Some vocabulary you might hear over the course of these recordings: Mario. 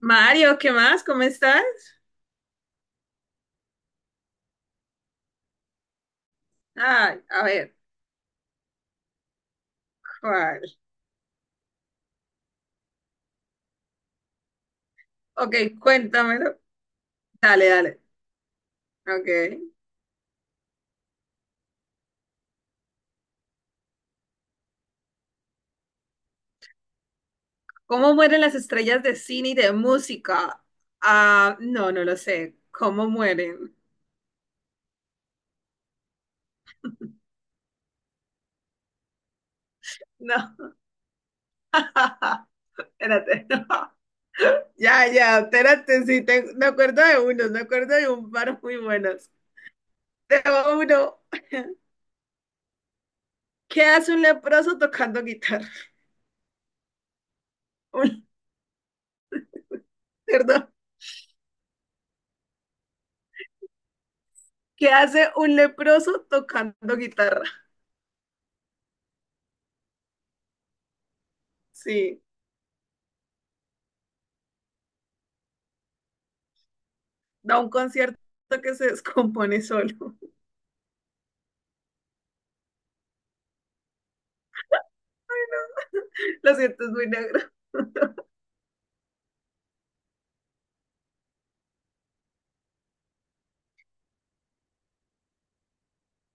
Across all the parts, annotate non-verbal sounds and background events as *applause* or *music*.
Mario, ¿qué más? ¿Cómo estás? Ay, a ver, ¿cuál? Ok, cuéntamelo. Dale, dale. Ok. ¿Cómo mueren las estrellas de cine y de música? Ah, no, no lo sé. ¿Cómo mueren? No. *laughs* Espérate, no. Ya, ya, espérate, sí, me acuerdo de unos, me acuerdo de un par muy buenos. Tengo uno. *laughs* ¿Qué hace un leproso tocando guitarra? *laughs* Un- perdón. ¿Qué hace un leproso tocando guitarra? Sí. Da un concierto que se descompone solo. *laughs* Lo siento, es muy negro.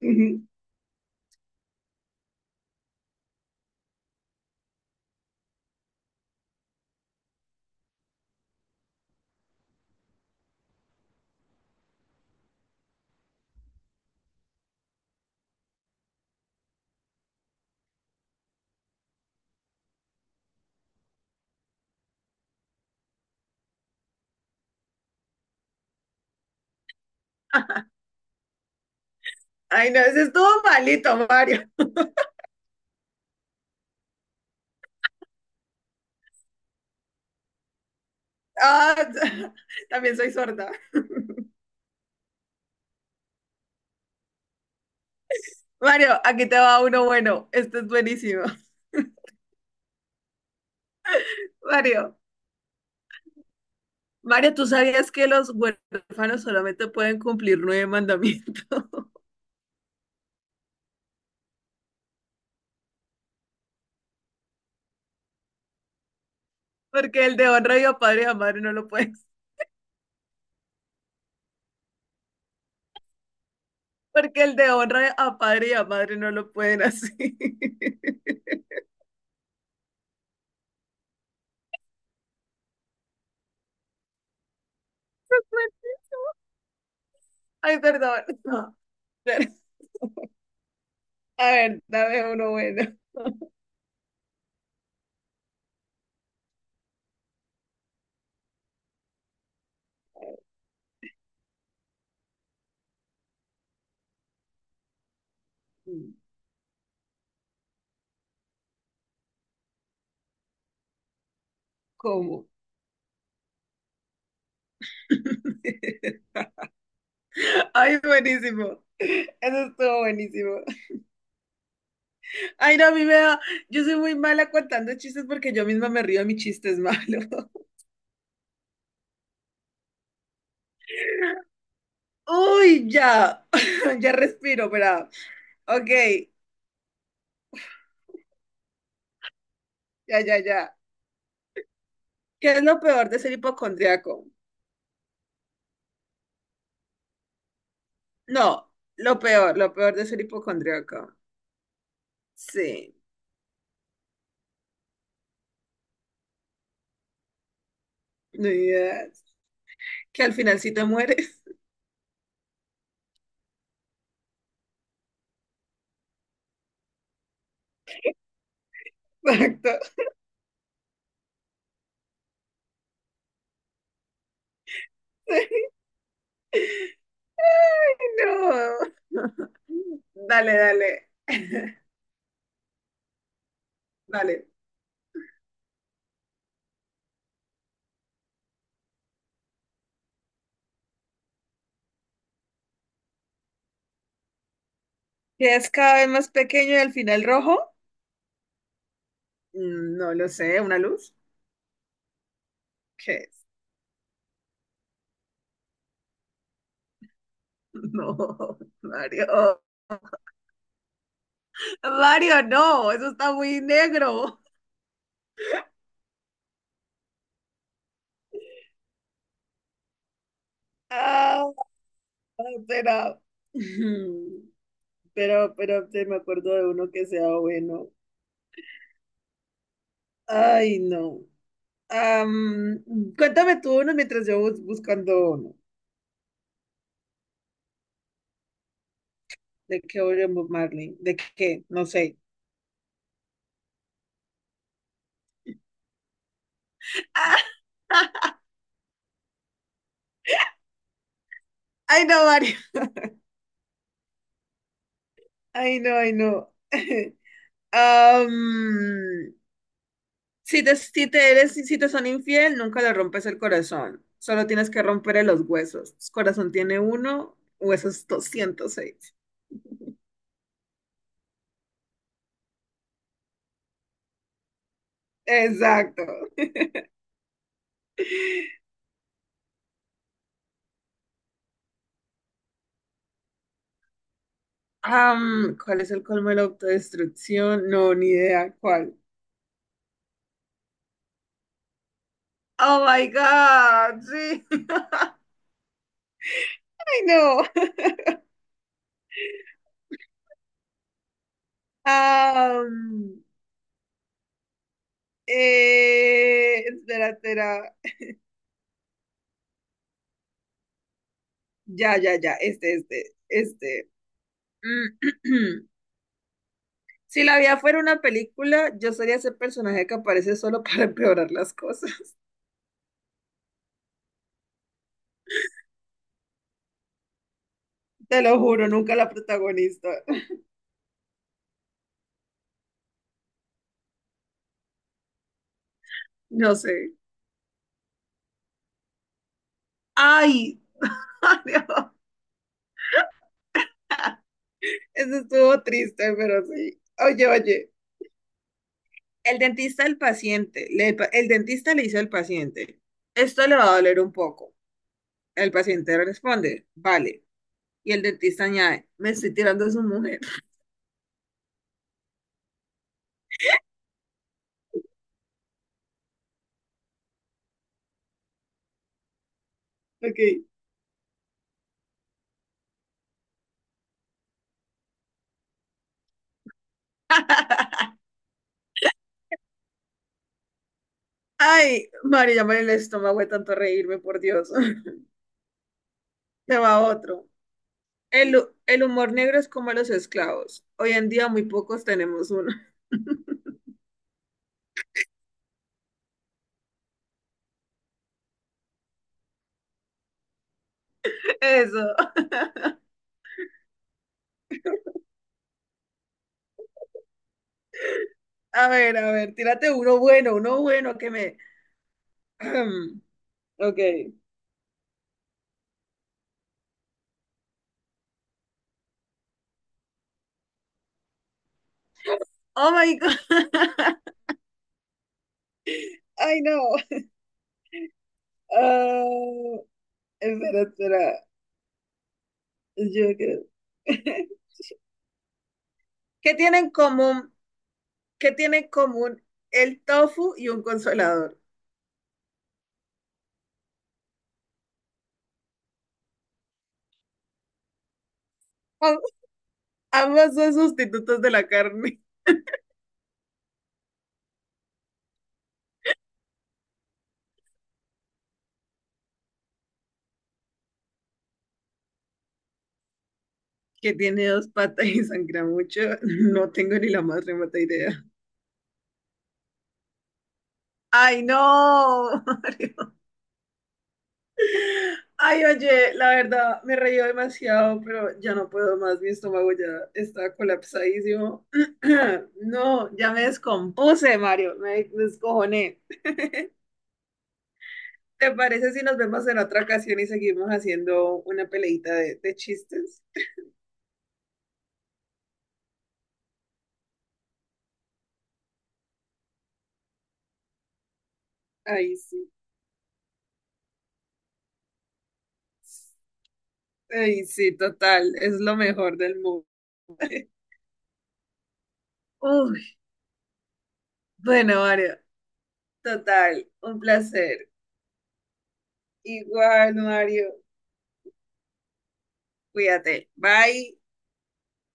Ujú. *laughs* Ay, no, ese estuvo malito, Mario. Ah, *laughs* también soy sorda. *laughs* Mario, aquí te va uno bueno. Este es buenísimo. Mario, Mario, ¿tú sabías que los huérfanos solamente pueden cumplir nueve mandamientos? *laughs* Porque el de honra y a padre y a madre no lo pueden. Porque el de honra a padre y a madre no lo pueden así. *laughs* Ay, perdón. No. A ver, dame uno bueno. ¿Cómo? *laughs* Ay, buenísimo. Eso estuvo buenísimo. Ay, no, a mí me da… Yo soy muy mala contando chistes porque yo misma me río de mis chistes malos. *laughs* Uy, ya. *laughs* Ya respiro, pero… Ok, ya, ya, ya. ¿Qué es lo peor de ser hipocondriaco? No, lo peor de ser hipocondriaco. Sí, no hay ideas. Que al final sí te mueres. *laughs* Exacto. Ay no. *laughs* Dale, dale, dale. ¿Qué es cada vez más pequeño y al final rojo? Mm, no lo sé, ¿una luz? ¿Qué es? *laughs* No, Mario. Mario, no, eso está muy negro. Ah, será. Ujú. *laughs* Pero se me acuerdo de uno que sea bueno. Ay, no. Am, cuéntame tú uno mientras yo buscando uno. ¿De qué oye Bob Marley? ¿De qué? No sé. *laughs* Ay, no, Mario. Ay, no, ay, no. Am, *laughs* si te son infiel, nunca le rompes el corazón. Solo tienes que romperle los huesos. Corazón tiene uno, huesos 206. Exacto. ¿Cuál es el colmo de la autodestrucción? No, ni idea cuál. Oh my God, sí. *laughs* Ay, no. Am, espera, espera. Ya, ya, ya. Este, este, este. Mm, *clears throat* si la vida fuera una película, yo sería ese personaje que aparece solo *laughs* para empeorar las cosas. Te lo juro, nunca la protagonista. No sé. Ay, *laughs* ay, no. Eso estuvo triste, pero sí. Oye, oye. El dentista le dice al paciente, esto le va a doler un poco. El paciente responde, vale. Y el dentista añade, me estoy tirando a su mujer. *laughs* Ok. *laughs* Ay, María, ya el estómago de tanto reírme, por Dios. *laughs* Te va otro. El humor negro es como los esclavos. Hoy en día muy pocos tenemos uno. *laughs* Eso. *laughs* A ver, tírate uno bueno que me… *clears throat* Ok. Oh my God. *laughs* Ay, no. Ah, espera, espera. Yo creo. *laughs* ¿Qué tienen en común? ¿Qué tienen en común el tofu y un consolador? Ambas son sustitutos de la carne. *laughs* Que tiene dos patas y sangra mucho. *laughs* No tengo ni la más remota idea. Ay, no, *laughs* Mario. Ay, oye, la verdad, me reí demasiado, pero ya no puedo más. Mi estómago ya está colapsadísimo. *clears throat* No, ya me descompuse, Mario. Me descojoné. ¿Te parece si nos vemos en otra ocasión y seguimos haciendo una peleita de chistes? Ay, sí. Ay, sí, total. Es lo mejor del mundo. *laughs* Uy, bueno, Mario, total, un placer. Igual, Mario, cuídate. Bye.